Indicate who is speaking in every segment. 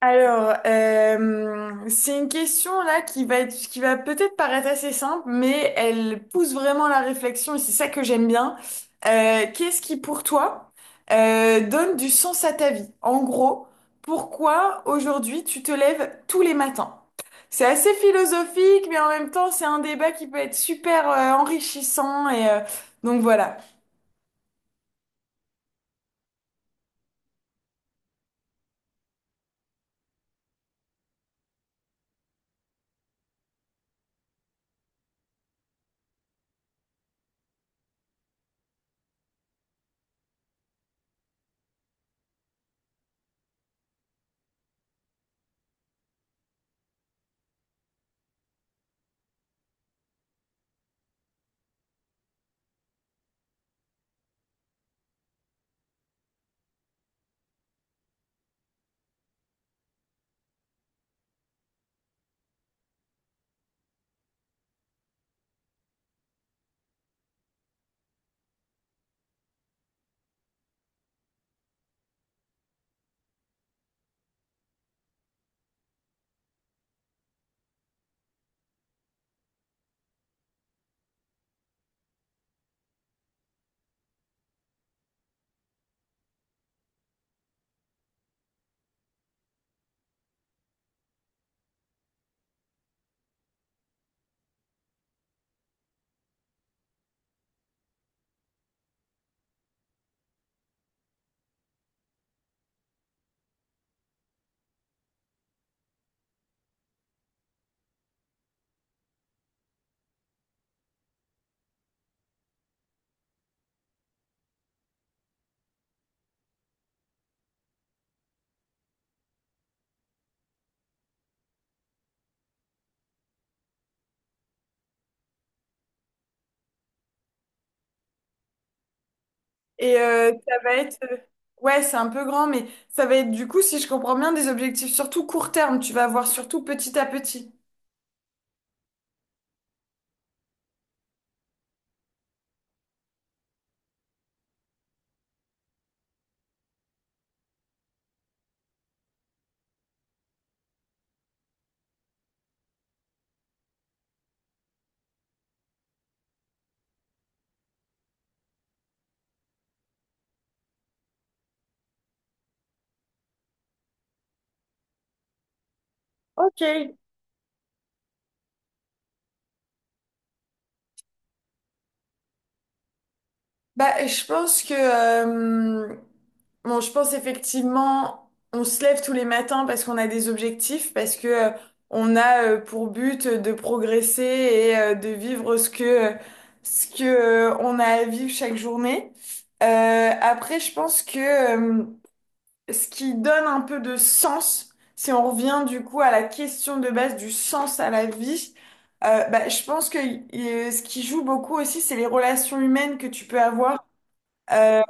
Speaker 1: Alors, c'est une question là qui va peut-être paraître assez simple, mais elle pousse vraiment la réflexion et c'est ça que j'aime bien. Qu'est-ce qui, pour toi, donne du sens à ta vie? En gros, pourquoi aujourd'hui tu te lèves tous les matins? C'est assez philosophique, mais en même temps, c'est un débat qui peut être super enrichissant donc voilà. Et euh, ça va être... euh, Ouais, c'est un peu grand, mais ça va être du coup, si je comprends bien, des objectifs surtout court terme. Tu vas voir surtout petit à petit. Ok. Bah, bon, je pense effectivement, on se lève tous les matins parce qu'on a des objectifs, parce que on a pour but de progresser et de vivre ce que on a à vivre chaque journée. Après, je pense que euh, ce qui donne un peu de sens, si on revient du coup à la question de base du sens à la vie, bah, je pense que ce qui joue beaucoup aussi, c'est les relations humaines que tu peux avoir, euh,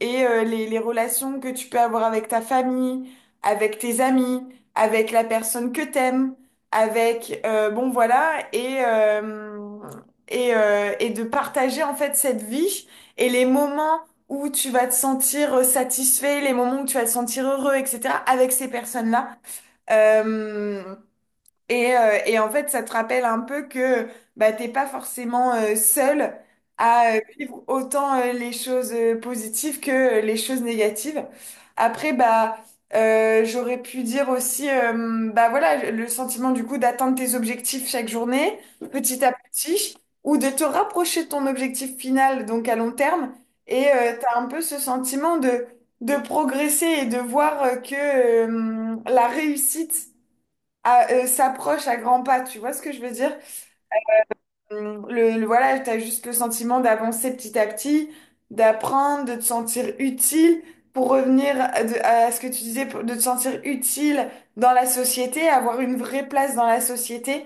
Speaker 1: et les relations que tu peux avoir avec ta famille, avec tes amis, avec la personne que t'aimes, avec bon voilà, et de partager en fait cette vie et les moments où tu vas te sentir satisfait, les moments où tu vas te sentir heureux, etc. avec ces personnes-là. Euh, et en fait, ça te rappelle un peu que bah, t'es pas forcément seul à vivre autant les choses positives que les choses négatives. Après, bah, j'aurais pu dire aussi, bah voilà, le sentiment du coup d'atteindre tes objectifs chaque journée, petit à petit, ou de te rapprocher de ton objectif final, donc à long terme. Et t'as un peu ce sentiment de progresser et de voir que la réussite s'approche à grands pas, tu vois ce que je veux dire? Voilà, tu as juste le sentiment d'avancer petit à petit, d'apprendre, de te sentir utile pour revenir à ce que tu disais, de te sentir utile dans la société, avoir une vraie place dans la société.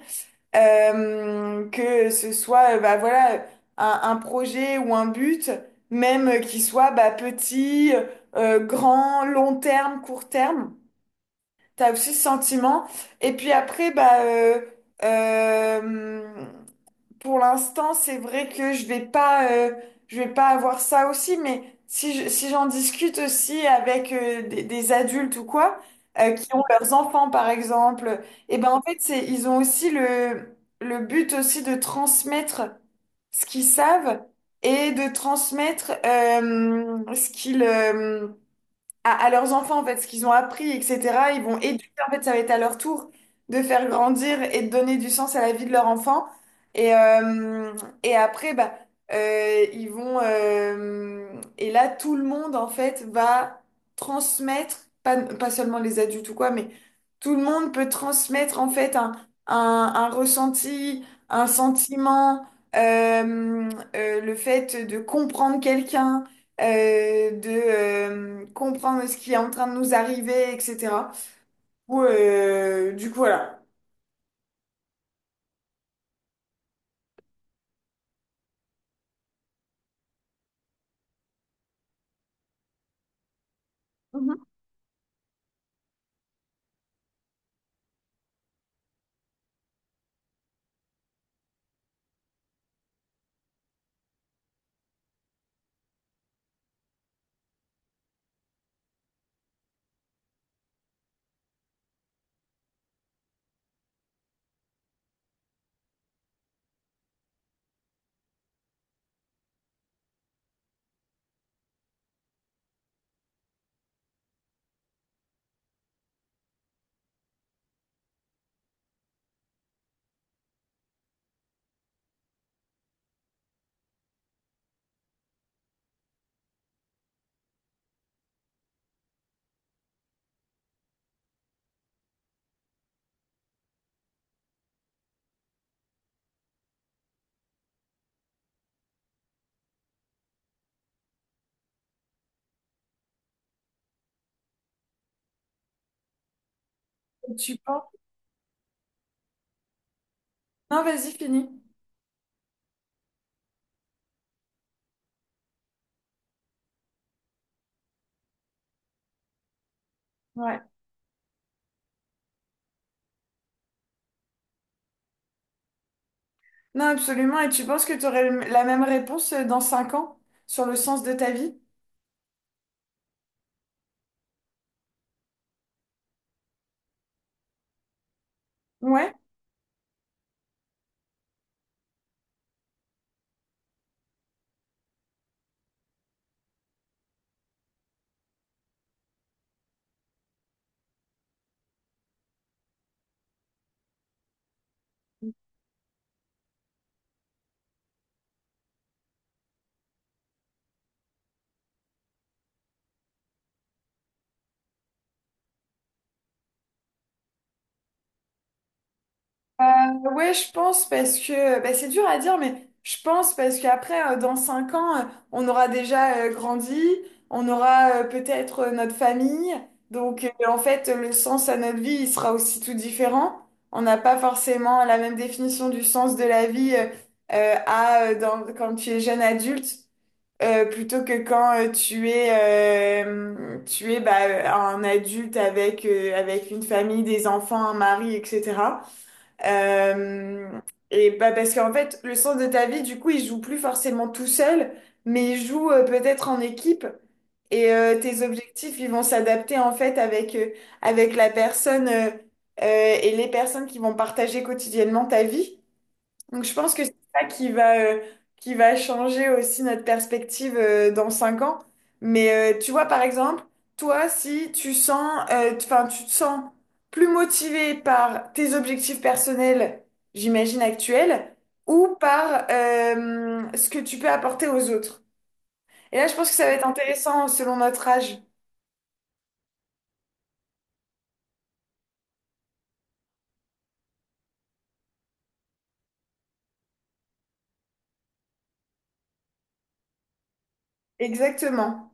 Speaker 1: Que ce soit bah, voilà, un projet ou un but, même qui soit bah, petit, grand, long terme, court terme. T'as aussi ce sentiment. Et puis après, bah, euh, pour l'instant, c'est vrai que je vais pas avoir ça aussi. Mais si j'en discute aussi avec des adultes ou quoi, qui ont leurs enfants par exemple, et ben en fait, c'est, ils ont aussi le but aussi de transmettre ce qu'ils savent et de transmettre ce qu'ils à leurs enfants, en fait, ce qu'ils ont appris, etc. Ils vont éduquer, en fait, ça va être à leur tour de faire grandir et de donner du sens à la vie de leur enfant. Et, euh, et après, bah, euh, ils vont... euh, et là, tout le monde, en fait, va transmettre, pas seulement les adultes ou quoi, mais tout le monde peut transmettre, en fait, un ressenti, un sentiment, euh, le fait de comprendre quelqu'un de comprendre ce qui est en train de nous arriver, etc. Ou, du coup, voilà. Mhm. Et tu penses... Non, vas-y, finis. Ouais. Non, absolument. Et tu penses que tu aurais la même réponse dans 5 ans sur le sens de ta vie? Ouais. Euh, ouais, je pense parce que bah, c'est dur à dire, mais je pense parce qu'après, dans 5 ans, on aura déjà grandi, on aura peut-être notre famille. Donc, en fait, le sens à notre vie, il sera aussi tout différent. On n'a pas forcément la même définition du sens de la vie quand tu es jeune adulte plutôt que quand tu es bah, un adulte avec avec une famille, des enfants, un mari, etc. Euh, et bah parce qu'en fait, le sens de ta vie, du coup, il joue plus forcément tout seul, mais il joue peut-être en équipe. Et tes objectifs, ils vont s'adapter en fait avec la personne et les personnes qui vont partager quotidiennement ta vie. Donc je pense que c'est ça qui va changer aussi notre perspective dans 5 ans. Mais tu vois, par exemple, toi, si tu sens, enfin, tu te sens plus motivé par tes objectifs personnels, j'imagine, actuels, ou par ce que tu peux apporter aux autres. Et là, je pense que ça va être intéressant selon notre âge. Exactement.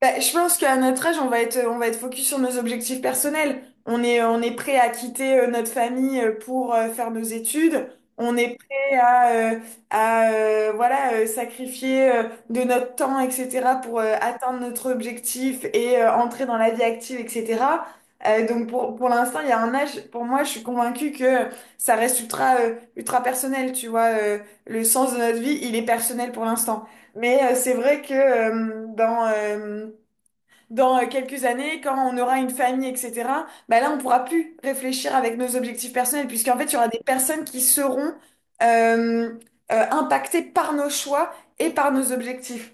Speaker 1: Bah, je pense qu'à notre âge, on va être focus sur nos objectifs personnels. On est prêt à quitter notre famille pour faire nos études. On est prêt à voilà, sacrifier de notre temps, etc., pour atteindre notre objectif et entrer dans la vie active, etc. Donc pour l'instant, il y a un âge, pour moi, je suis convaincue que ça reste ultra personnel, tu vois. Le sens de notre vie, il est personnel pour l'instant. Mais c'est vrai que dans quelques années, quand on aura une famille, etc., bah là, on pourra plus réfléchir avec nos objectifs personnels, puisqu'en fait, il y aura des personnes qui seront euh, impactées par nos choix et par nos objectifs.